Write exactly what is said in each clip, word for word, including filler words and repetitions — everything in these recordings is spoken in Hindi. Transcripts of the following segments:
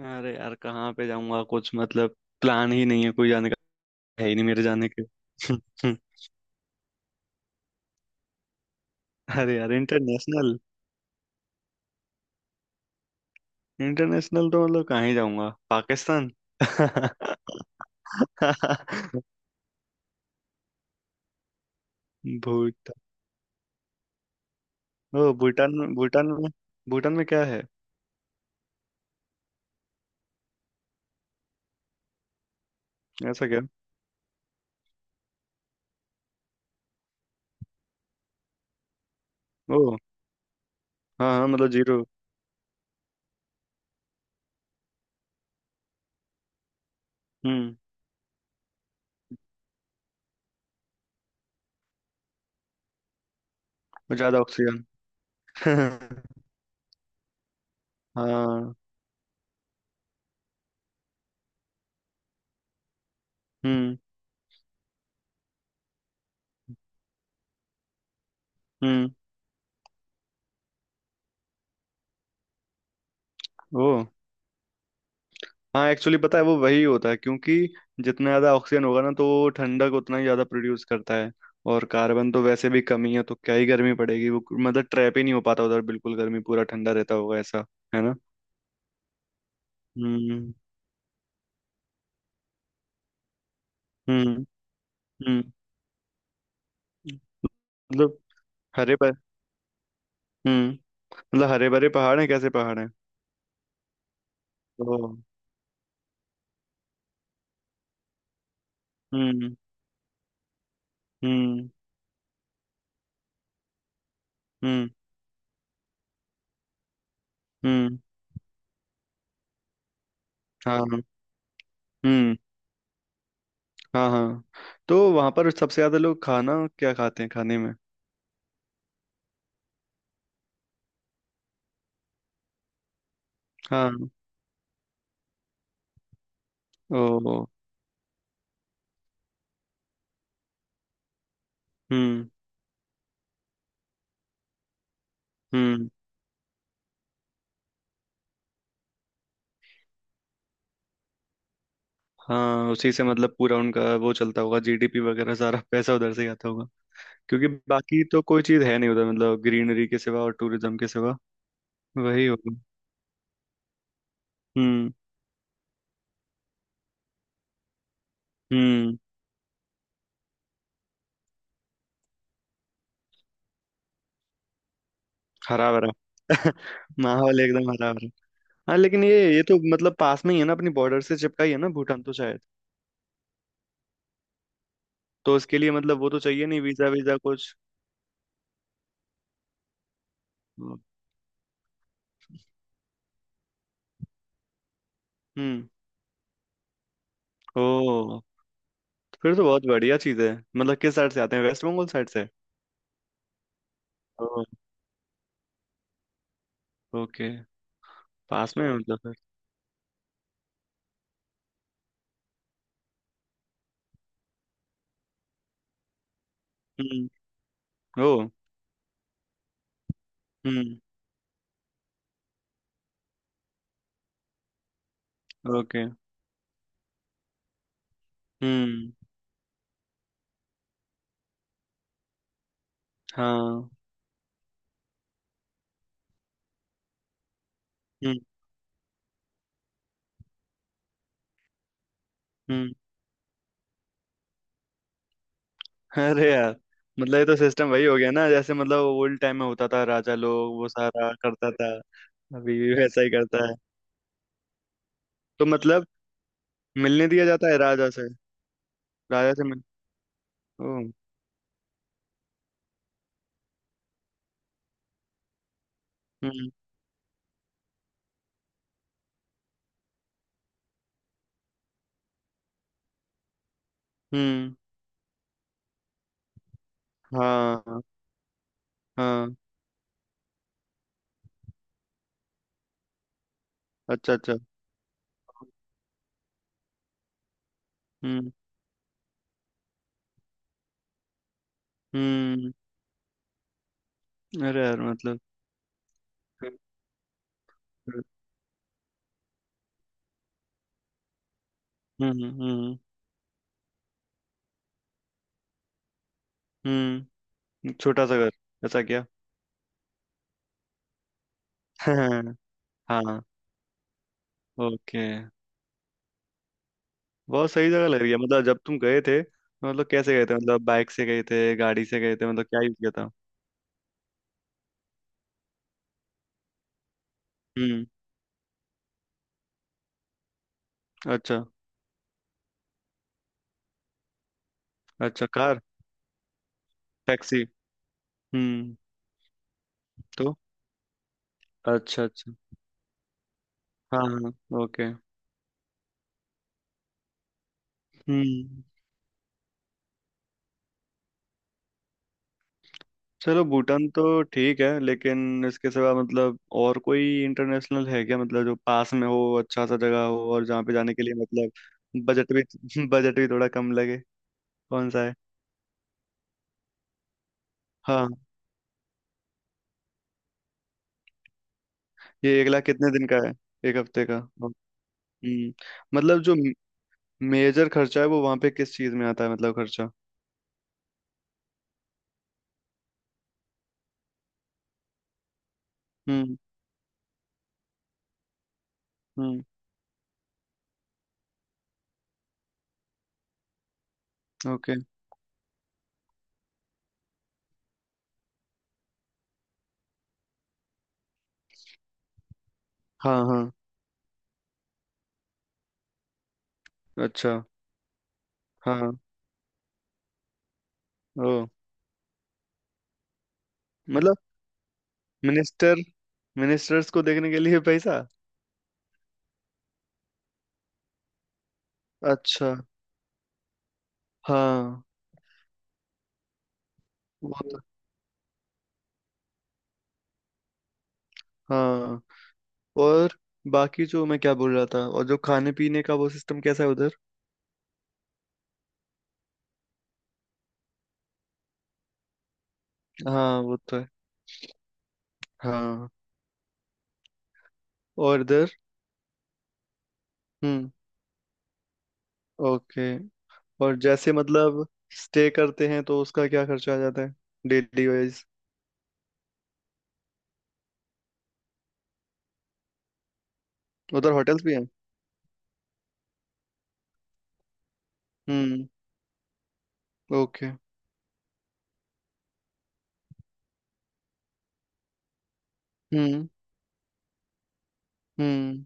अरे यार कहाँ पे जाऊंगा कुछ मतलब। प्लान ही नहीं है कोई जाने का। है ही नहीं मेरे जाने के। अरे यार इंटरनेशनल। इंटरनेशनल तो मतलब कहाँ ही जाऊंगा, पाकिस्तान। भूटान। ओ भूटान में। भूटान में भूटान में क्या है? ऐसा क्या? ओ हाँ हाँ, मतलब जीरो। हम्म। ज्यादा ऑक्सीजन। हाँ। हम्म। हम्म। ओ हाँ, एक्चुअली पता है वो वही होता है, क्योंकि जितना ज्यादा ऑक्सीजन होगा ना तो वो ठंडक उतना ही ज्यादा प्रोड्यूस करता है। और कार्बन तो वैसे भी कमी है तो क्या ही गर्मी पड़ेगी वो, मतलब ट्रैप ही नहीं हो पाता उधर बिल्कुल गर्मी, पूरा ठंडा रहता होगा ऐसा। है ना। हम्म। हम्म। हम्म। मतलब हरे पर। हम्म। मतलब हरे भरे पहाड़ हैं? कैसे पहाड़ हैं? तो हम्म। हम्म। हम्म। हम्म। हाँ। हम्म। हाँ हाँ। तो वहां पर सबसे ज्यादा लोग खाना क्या खाते हैं खाने में? हाँ। ओ। हम्म। हम्म। हाँ उसी से मतलब पूरा उनका वो चलता होगा, जीडीपी वगैरह सारा, पैसा उधर से ही आता होगा। क्योंकि बाकी तो कोई चीज है नहीं उधर, मतलब ग्रीनरी के सिवा और टूरिज्म के सिवा। वही होगा। हम्म। हम्म। हरा भरा। माहौल एकदम हरा भरा। हाँ लेकिन ये ये तो मतलब पास में ही है ना, अपनी बॉर्डर से चिपका ही है ना भूटान तो शायद। तो उसके लिए मतलब वो तो चाहिए नहीं, वीजा वीजा कुछ। हम्म। ओ। फिर तो बहुत बढ़िया चीज है। मतलब किस साइड से आते हैं, वेस्ट बंगाल साइड से? ओ। ओके। पास में है मतलब फिर। हम्म। ओ। हम्म। ओके। हम्म। हाँ। हम्म। हम्म। अरे यार मतलब ये तो सिस्टम वही हो गया ना, जैसे मतलब ओल्ड टाइम में होता था राजा लोग वो सारा करता था। अभी भी वैसा ही करता है। तो मतलब मिलने दिया जाता है राजा से? राजा से मिल। ओ। हम्म। हम्म। हाँ हाँ। अच्छा अच्छा। हम्म। हम्म। अरे यार मतलब। हम्म। हम्म। हम्म। हम्म, छोटा सा घर। ऐसा क्या। हाँ। ओके। बहुत सही जगह लग रही है। मतलब जब तुम गए थे, मतलब कैसे गए थे, मतलब बाइक से गए थे, गाड़ी से गए थे, मतलब क्या यूज किया था? हम्म। अच्छा। अच्छा कार। टैक्सी। हम्म। तो। अच्छा अच्छा। हाँ हाँ। ओके। हम्म। चलो भूटान तो ठीक है, लेकिन इसके सिवा मतलब और कोई इंटरनेशनल है क्या, मतलब जो पास में हो, अच्छा सा जगह हो, और जहाँ पे जाने के लिए मतलब बजट भी बजट भी थोड़ा कम लगे? कौन सा है? हाँ। ये एक लाख कितने दिन का है? एक हफ्ते का। हम्म। मतलब जो मेजर खर्चा है वो वहां पे किस चीज में आता है, मतलब खर्चा? हम्म। हम्म। ओके। हाँ हाँ। अच्छा। हाँ हाँ, ओ। मतलब मिनिस्टर, मिनिस्टर्स को देखने के लिए पैसा? अच्छा। हाँ वो तो। हाँ। और बाकी जो मैं क्या बोल रहा था, और जो खाने पीने का वो सिस्टम कैसा है उधर? हाँ वो तो है। हाँ। और इधर। हम्म। ओके। और जैसे मतलब स्टे करते हैं तो उसका क्या खर्चा आ जाता है, डेली वाइज? उधर होटल्स भी हैं? हम्म। ओके। हम्म। हम्म।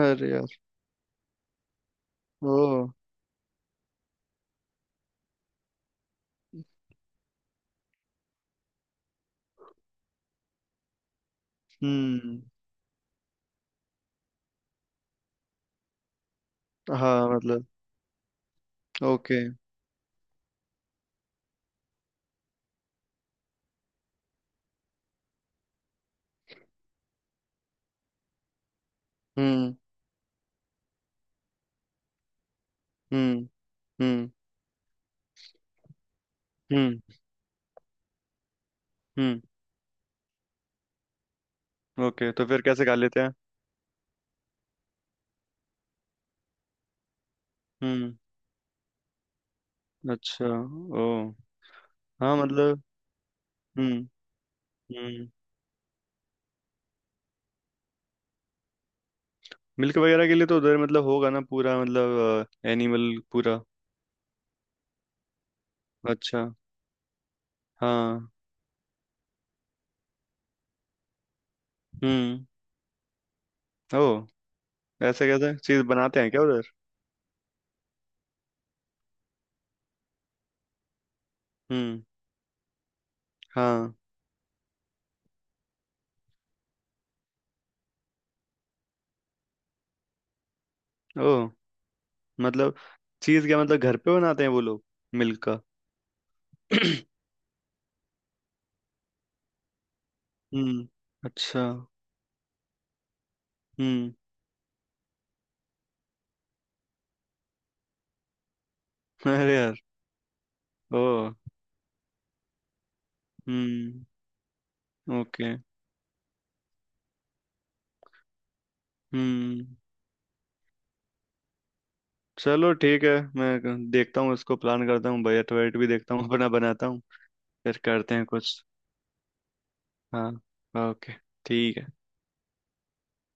अरे यार। ओ। हम्म। हाँ मतलब। ओके। हम्म। हम्म। हम्म। हम्म। हम्म। ओके तो फिर कैसे खा लेते हैं? हम्म। अच्छा। ओ। हाँ मतलब। हम्म। हम्म। मिल्क वगैरह के लिए तो उधर मतलब होगा ना, पूरा मतलब एनिमल पूरा। अच्छा। हाँ। हम्म। ओ। ऐसे कैसे चीज बनाते हैं क्या उधर? हम्म। हाँ। ओ। मतलब चीज क्या, मतलब घर पे बनाते हैं वो लोग, मिल्क का? हम्म। अच्छा। हम्म। अरे यार। ओ। हम्म। ओके। हम्म। चलो ठीक है। मैं क- देखता हूँ इसको, प्लान करता हूँ, बजट वजट भी देखता हूँ अपना बनाता हूँ। फिर करते हैं कुछ। हाँ। ओके। ठीक है।